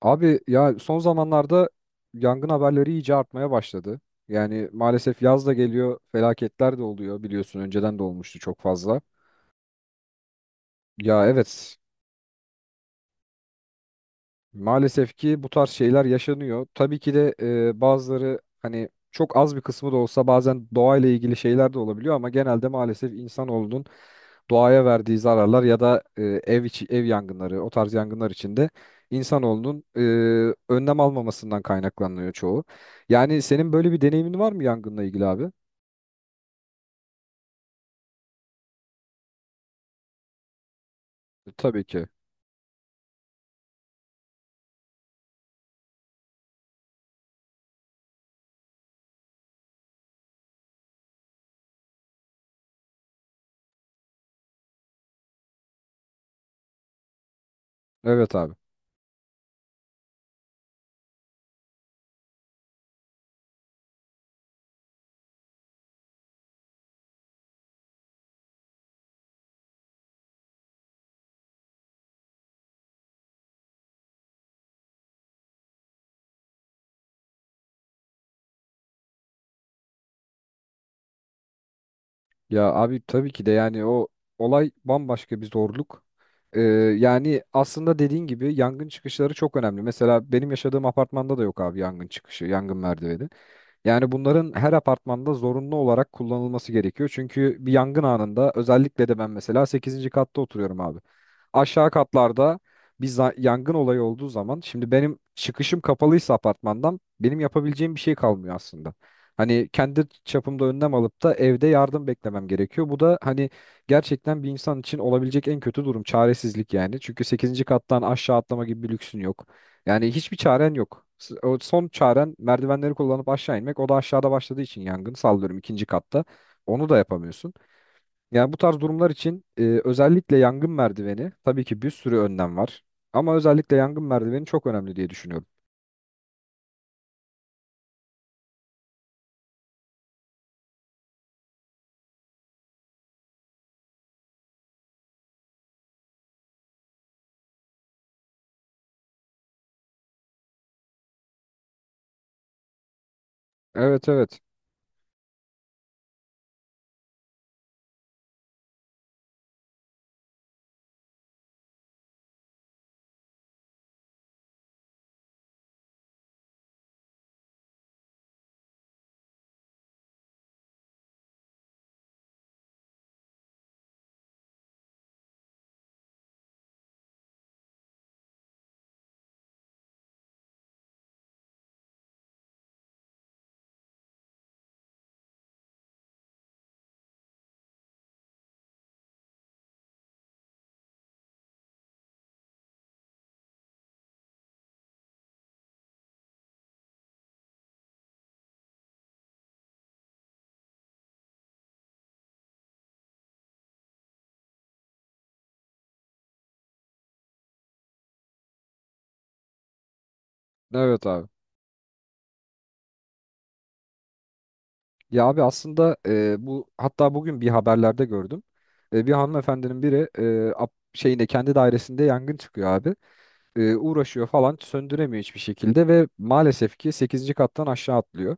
Abi ya son zamanlarda yangın haberleri iyice artmaya başladı. Yani maalesef yaz da geliyor, felaketler de oluyor biliyorsun önceden de olmuştu çok fazla. Ya, evet. Maalesef ki bu tarz şeyler yaşanıyor. Tabii ki de bazıları hani çok az bir kısmı da olsa bazen doğayla ilgili şeyler de olabiliyor ama genelde maalesef insanoğlunun doğaya verdiği zararlar ya da ev içi ev yangınları o tarz yangınlar içinde insanoğlunun önlem almamasından kaynaklanıyor çoğu. Yani senin böyle bir deneyimin var mı yangınla ilgili abi? Tabii ki. Evet, abi. Ya abi tabii ki de yani o olay bambaşka bir zorluk. Ee, yani aslında dediğin gibi yangın çıkışları çok önemli. Mesela benim yaşadığım apartmanda da yok abi yangın çıkışı, yangın merdiveni. Yani bunların her apartmanda zorunlu olarak kullanılması gerekiyor. Çünkü bir yangın anında özellikle de ben mesela sekizinci katta oturuyorum abi, aşağı katlarda yangın olayı olduğu zaman şimdi benim çıkışım kapalıysa apartmandan benim yapabileceğim bir şey kalmıyor aslında. Hani kendi çapımda önlem alıp da evde yardım beklemem gerekiyor. Bu da hani gerçekten bir insan için olabilecek en kötü durum çaresizlik yani. Çünkü sekizinci kattan aşağı atlama gibi bir lüksün yok. Yani hiçbir çaren yok. O son çaren merdivenleri kullanıp aşağı inmek. O da aşağıda başladığı için yangın sallıyorum ikinci katta. Onu da yapamıyorsun. Yani bu tarz durumlar için özellikle yangın merdiveni tabii ki bir sürü önlem var. Ama özellikle yangın merdiveni çok önemli diye düşünüyorum. Evet, evet. Evet, abi. Ya abi aslında bu hatta bugün bir haberlerde gördüm. Bir hanımefendinin biri şeyinde kendi dairesinde yangın çıkıyor abi. Uğraşıyor falan söndüremiyor hiçbir şekilde ve maalesef ki sekizinci kattan aşağı atlıyor.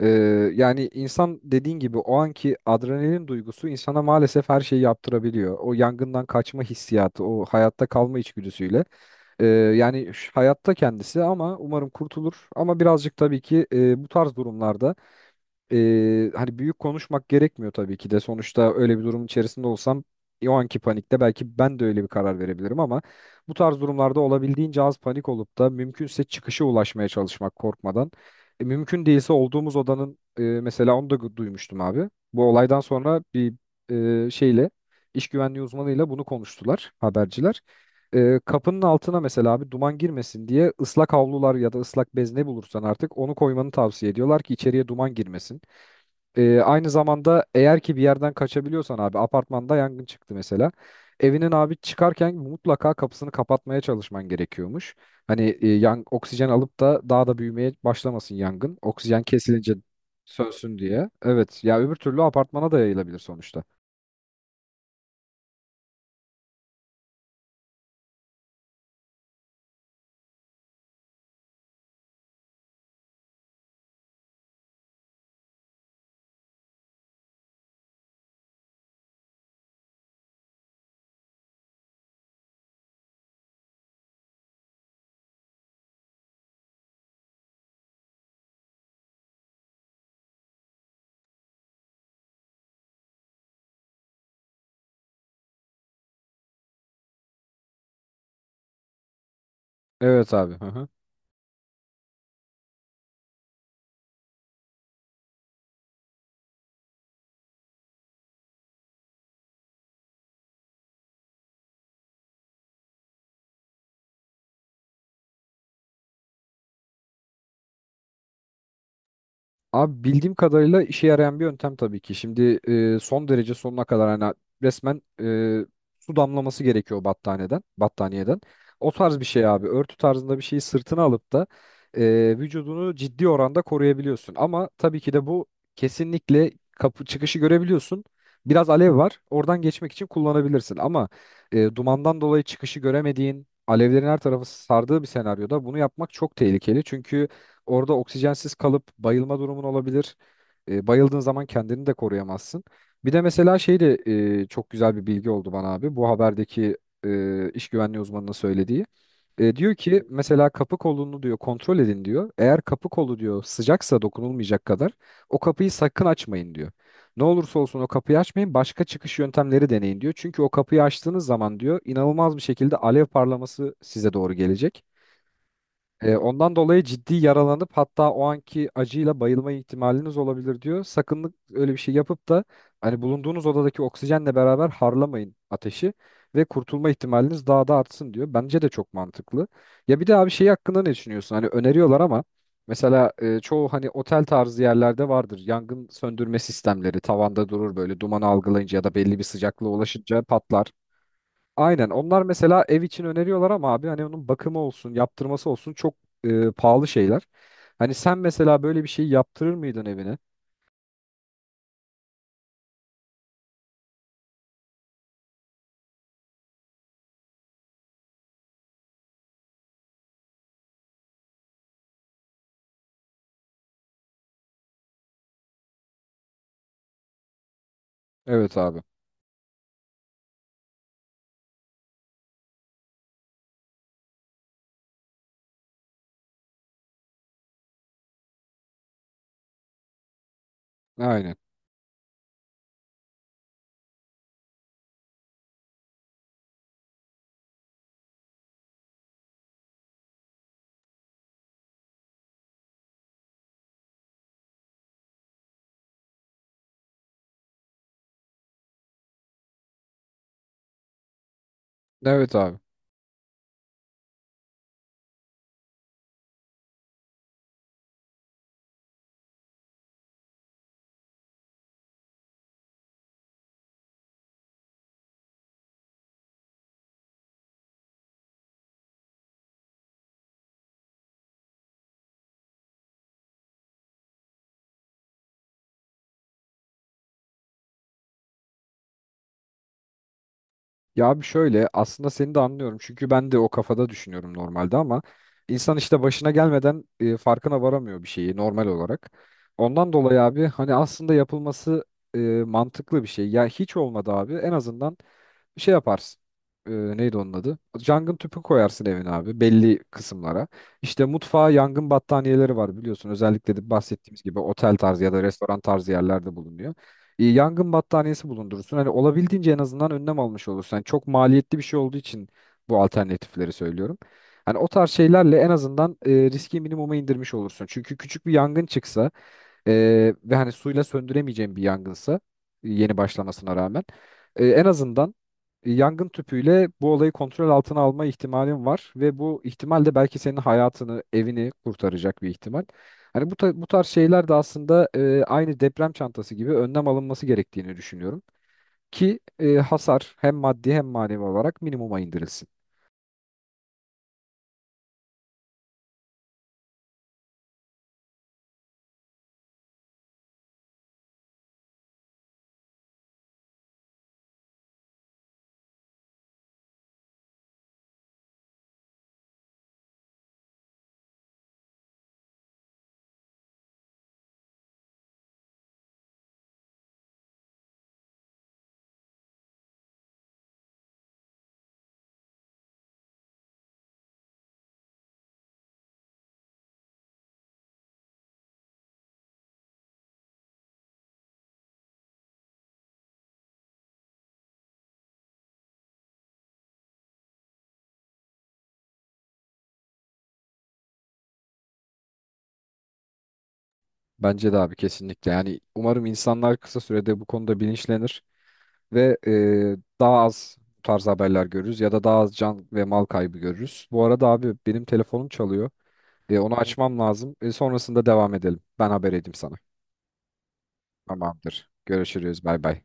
Ee, yani insan dediğin gibi o anki adrenalin duygusu insana maalesef her şeyi yaptırabiliyor. O yangından kaçma hissiyatı, o hayatta kalma içgüdüsüyle. Yani şu hayatta kendisi ama umarım kurtulur. Ama birazcık tabii ki bu tarz durumlarda hani büyük konuşmak gerekmiyor tabii ki de. Sonuçta öyle bir durumun içerisinde olsam o anki panikte belki ben de öyle bir karar verebilirim ama bu tarz durumlarda olabildiğince az panik olup da mümkünse çıkışa ulaşmaya çalışmak korkmadan. Mümkün değilse olduğumuz odanın mesela onu da duymuştum abi. Bu olaydan sonra bir şeyle iş güvenliği uzmanıyla bunu konuştular haberciler. Kapının altına mesela abi duman girmesin diye ıslak havlular ya da ıslak bez ne bulursan artık onu koymanı tavsiye ediyorlar ki içeriye duman girmesin. Aynı zamanda eğer ki bir yerden kaçabiliyorsan abi apartmanda yangın çıktı mesela. Evinin abi çıkarken mutlaka kapısını kapatmaya çalışman gerekiyormuş. Hani oksijen alıp da daha da büyümeye başlamasın yangın. Oksijen kesilince sönsün diye. Evet ya öbür türlü apartmana da yayılabilir sonuçta. Evet, abi. Hı hı. Abi bildiğim kadarıyla işe yarayan bir yöntem tabii ki. Şimdi son derece sonuna kadar hani resmen su damlaması gerekiyor battaniyeden. O tarz bir şey abi. Örtü tarzında bir şeyi sırtına alıp da vücudunu ciddi oranda koruyabiliyorsun. Ama tabii ki de bu kesinlikle kapı çıkışı görebiliyorsun. Biraz alev var. Oradan geçmek için kullanabilirsin. Ama dumandan dolayı çıkışı göremediğin, alevlerin her tarafı sardığı bir senaryoda bunu yapmak çok tehlikeli. Çünkü orada oksijensiz kalıp bayılma durumun olabilir. Bayıldığın zaman kendini de koruyamazsın. Bir de mesela şey de çok güzel bir bilgi oldu bana abi. Bu haberdeki iş güvenliği uzmanının söylediği. Diyor ki mesela kapı kolunu diyor kontrol edin diyor. Eğer kapı kolu diyor sıcaksa dokunulmayacak kadar o kapıyı sakın açmayın diyor. Ne olursa olsun o kapıyı açmayın başka çıkış yöntemleri deneyin diyor. Çünkü o kapıyı açtığınız zaman diyor inanılmaz bir şekilde alev parlaması size doğru gelecek. Ondan dolayı ciddi yaralanıp hatta o anki acıyla bayılma ihtimaliniz olabilir diyor. Sakın öyle bir şey yapıp da hani bulunduğunuz odadaki oksijenle beraber harlamayın ateşi ve kurtulma ihtimaliniz daha da artsın diyor. Bence de çok mantıklı. Ya bir de abi şey hakkında ne düşünüyorsun? Hani öneriyorlar ama mesela çoğu hani otel tarzı yerlerde vardır. Yangın söndürme sistemleri tavanda durur böyle dumanı algılayınca ya da belli bir sıcaklığa ulaşınca patlar. Aynen. Onlar mesela ev için öneriyorlar ama abi hani onun bakımı olsun, yaptırması olsun çok pahalı şeyler. Hani sen mesela böyle bir şey yaptırır mıydın evine? Evet, abi. Aynen. Evet, abi. Ya abi şöyle aslında seni de anlıyorum çünkü ben de o kafada düşünüyorum normalde ama insan işte başına gelmeden farkına varamıyor bir şeyi normal olarak. Ondan dolayı abi hani aslında yapılması e, mantıklı bir şey. Ya hiç olmadı abi en azından şey yaparsın. Neydi onun adı? Yangın tüpü koyarsın evin abi belli kısımlara. İşte mutfağa yangın battaniyeleri var biliyorsun özellikle de bahsettiğimiz gibi otel tarzı ya da restoran tarzı yerlerde bulunuyor, yangın battaniyesi bulundurursun. Hani olabildiğince en azından önlem almış olursun. Hani çok maliyetli bir şey olduğu için bu alternatifleri söylüyorum. Hani o tarz şeylerle en azından riski minimuma indirmiş olursun. Çünkü küçük bir yangın çıksa e, ve hani suyla söndüremeyeceğim bir yangınsa yeni başlamasına rağmen en azından yangın tüpüyle bu olayı kontrol altına alma ihtimalin var ve bu ihtimal de belki senin hayatını, evini kurtaracak bir ihtimal. Hani bu tarz şeyler de aslında aynı deprem çantası gibi önlem alınması gerektiğini düşünüyorum. Ki hasar hem maddi hem manevi olarak minimuma indirilsin. Bence de abi kesinlikle. Yani umarım insanlar kısa sürede bu konuda bilinçlenir ve daha az bu tarz haberler görürüz ya da daha az can ve mal kaybı görürüz. Bu arada abi benim telefonum çalıyor. Onu tamam, açmam lazım. Sonrasında devam edelim. Ben haber edeyim sana. Tamamdır. Görüşürüz. Bay bay.